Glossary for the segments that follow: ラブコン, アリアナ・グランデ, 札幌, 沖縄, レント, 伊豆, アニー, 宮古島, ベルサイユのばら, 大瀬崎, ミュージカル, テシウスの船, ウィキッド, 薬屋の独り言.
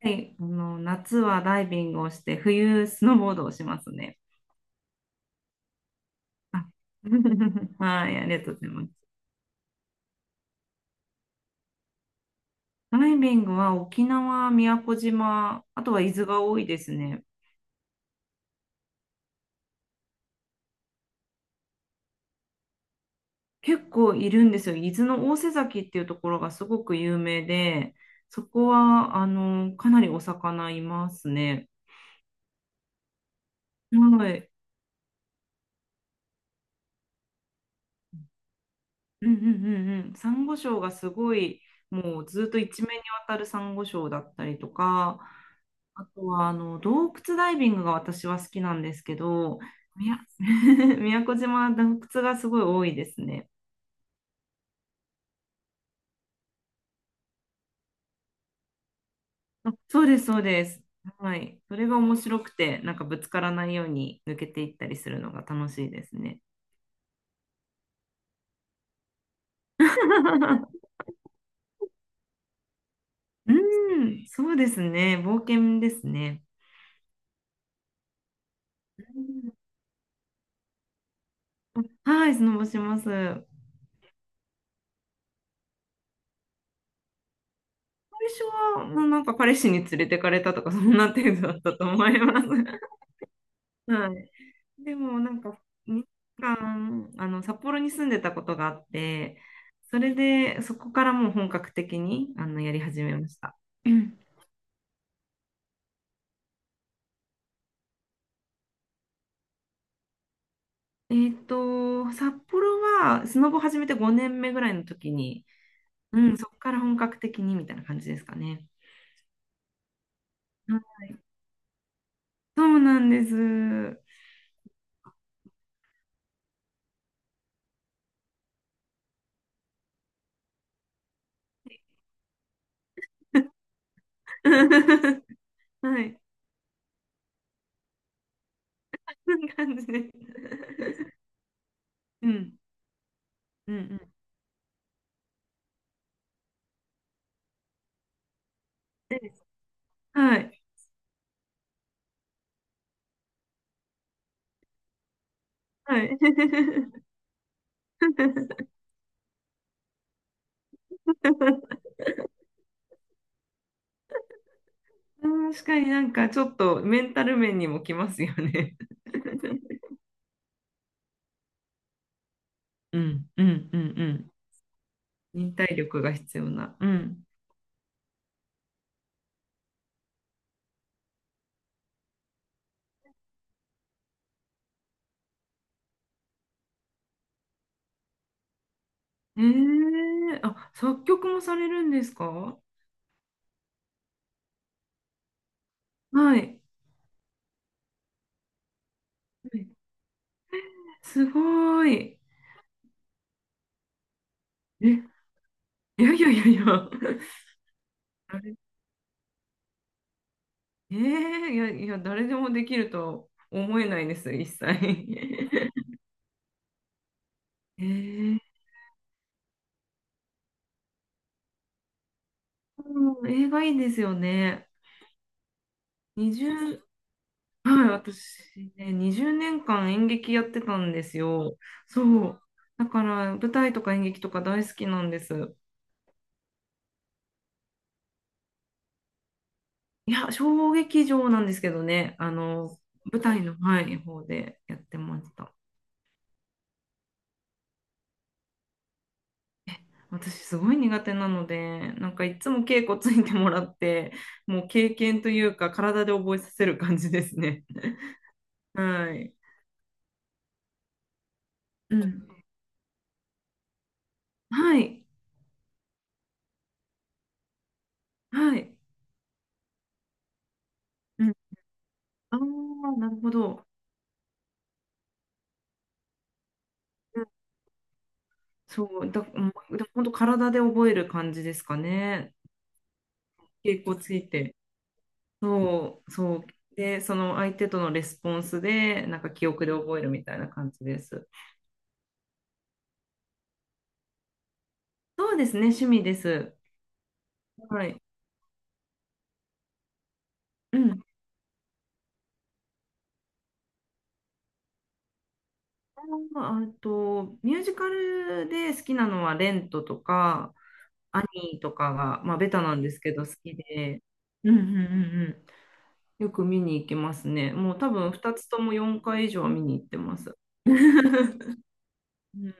はい、夏はダイビングをして、冬スノーボードをしますね。あ。 はい、ありがとうございます。ダイビングは沖縄、宮古島、あとは伊豆が多いですね。結構いるんですよ。伊豆の大瀬崎っていうところがすごく有名で、そこは、かなりお魚いますね。はい。うんうんうんうん。サンゴ礁がすごい、もうずっと一面にわたるサンゴ礁だったりとか、あとは、洞窟ダイビングが私は好きなんですけど、みや 宮古島は洞窟がすごい多いですね。あ、そうです、そうです。はい。それが面白くて、なんかぶつからないように抜けていったりするのが楽しいですね。うん、そうですね。冒険ですね。うん。はい、スノボします。最初は、もうなんか彼氏に連れてかれたとか、そんな程度だったと思います。はい。でもなんか2年間札幌に住んでたことがあって、それでそこからもう本格的にやり始めました。うん。札幌はスノボ始めて5年目ぐらいの時に、うん、そこから本格的にみたいな感じですかね。あ、そうなんです。はい。そんな感じです。うんうんうん。で、はい。はい。確かになんかちょっとメンタル面にもきますよね。うんうんうんうん。忍耐力が必要な。うん。ええ、あ、作曲もされるんですか？はい。すごい。え、いやいやいやいや。誰えーいやいや、誰でもできるとは思えないです、一切。えーうん、映画いいですよね。20はい、私ね、20年間演劇やってたんですよ。そう。だから、舞台とか演劇とか大好きなんです。いや、小劇場なんですけどね、舞台の、はい、方でやってました。私、すごい苦手なので、なんかいつも稽古ついてもらって、もう経験というか、体で覚えさせる感じですね。はい。うん。はい。はい。うん。ああ、なるほど。そう、だ、うん。でも本当体で覚える感じですかね。結構ついて。そう、そう。で、その相手とのレスポンスで、なんか記憶で覚えるみたいな感じです。そうですね、趣味です。はい。うん。あと、ミュージカルで好きなのは、レントとか、アニーとかが、まあ、ベタなんですけど、好きで。うんうんうんうん。よく見に行きますね。もう多分2つとも4回以上は見に行ってます。うん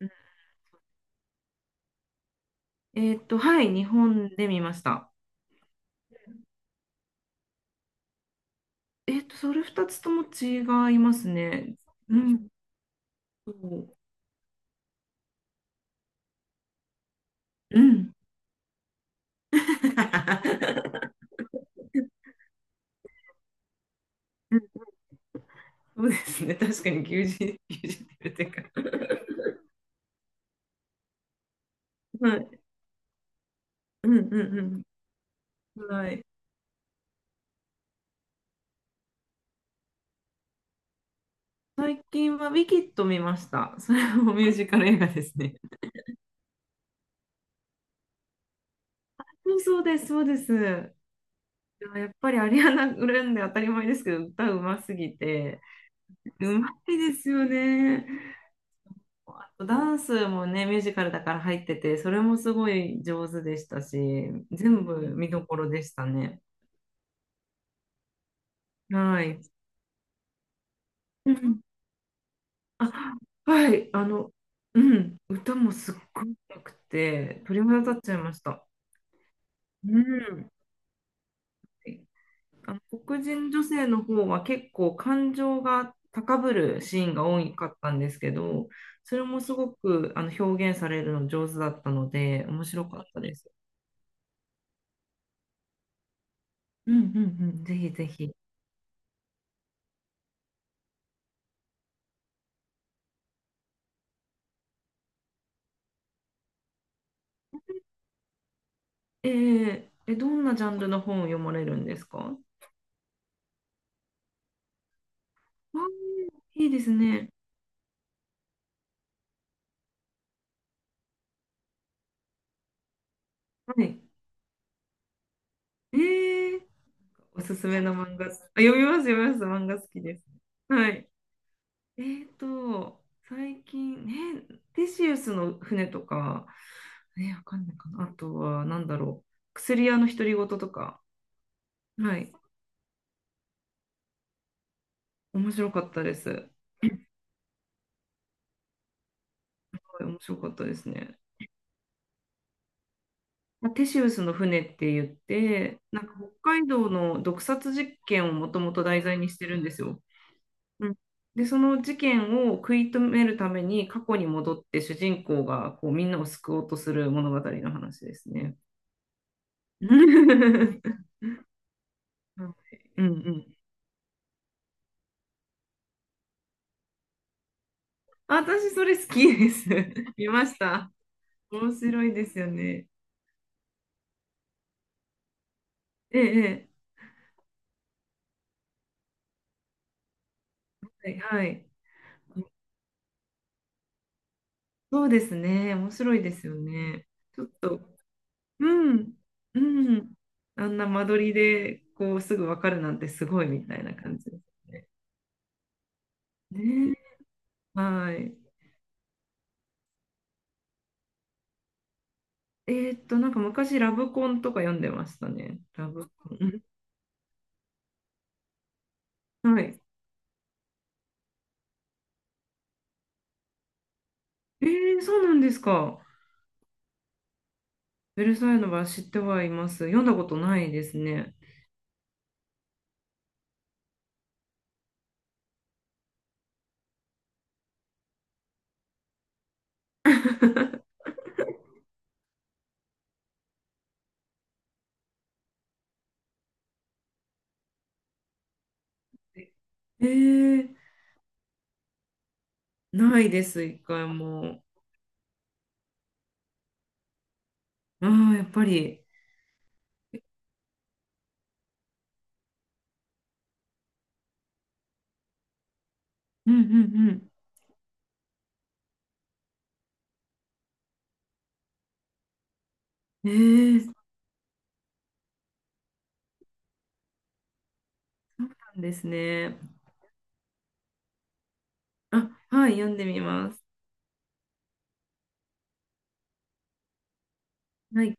うん。はい、日本で見ました。それ2つとも違いますね。うん。そう。うん。うん、そうですね。確かに牛耳、牛耳ってるっていうか。はい。うんうんうん。はい。最近はウィキッド見ました。それもミュージカル映画ですね。そうそうです、そうです。でもやっぱりアリアナ・グランデ当たり前ですけど、歌うますぎて、うまいですよね。あとダンスもね、ミュージカルだから入ってて、それもすごい上手でしたし、全部見どころでしたね。はい。うん。あ、はい。うん。歌もすっごい良くて、鳥肌立っちゃいました。うん。あの黒人女性の方は結構感情が高ぶるシーンが多かったんですけど、それもすごく表現されるの上手だったので、面白かったです。うんうんうん。ぜひぜひ。え、どんなジャンルの本を読まれるんですか？あ、いいですね。はい。えー、おすすめの漫画。あ、読みます、読みます。漫画好きです。はい。えーと、最近、ね、テシウスの船とか、ね、わかんないかな。あとは、なんだろう。薬屋の独り言とか。はい。面白かったです。はい。面白かったですね。まあテシウスの船って言って、なんか北海道の毒殺実験をもともと題材にしてるんですよ。うん。で、その事件を食い止めるために過去に戻って主人公がこうみんなを救おうとする物語の話ですね。うんうん。あ、私それ好きです。見ました。面白いですよね。ええ、ええ、はい、はい、そうですね。面白いですよね。ちょっと、うん、うん。あんな間取りでこうすぐわかるなんてすごいみたいな感じですね。ねえ。はい。なんか昔ラブコンとか読んでましたね。ラブコン。うん。はい。えー、そうなんですか。ベルサイユのばら知ってはいます。読んだことないですね。えー、ないです、一回も。ああ、やっぱり。うんうんうん。えー、そうなんですね。あ、はい、読んでみます。はい。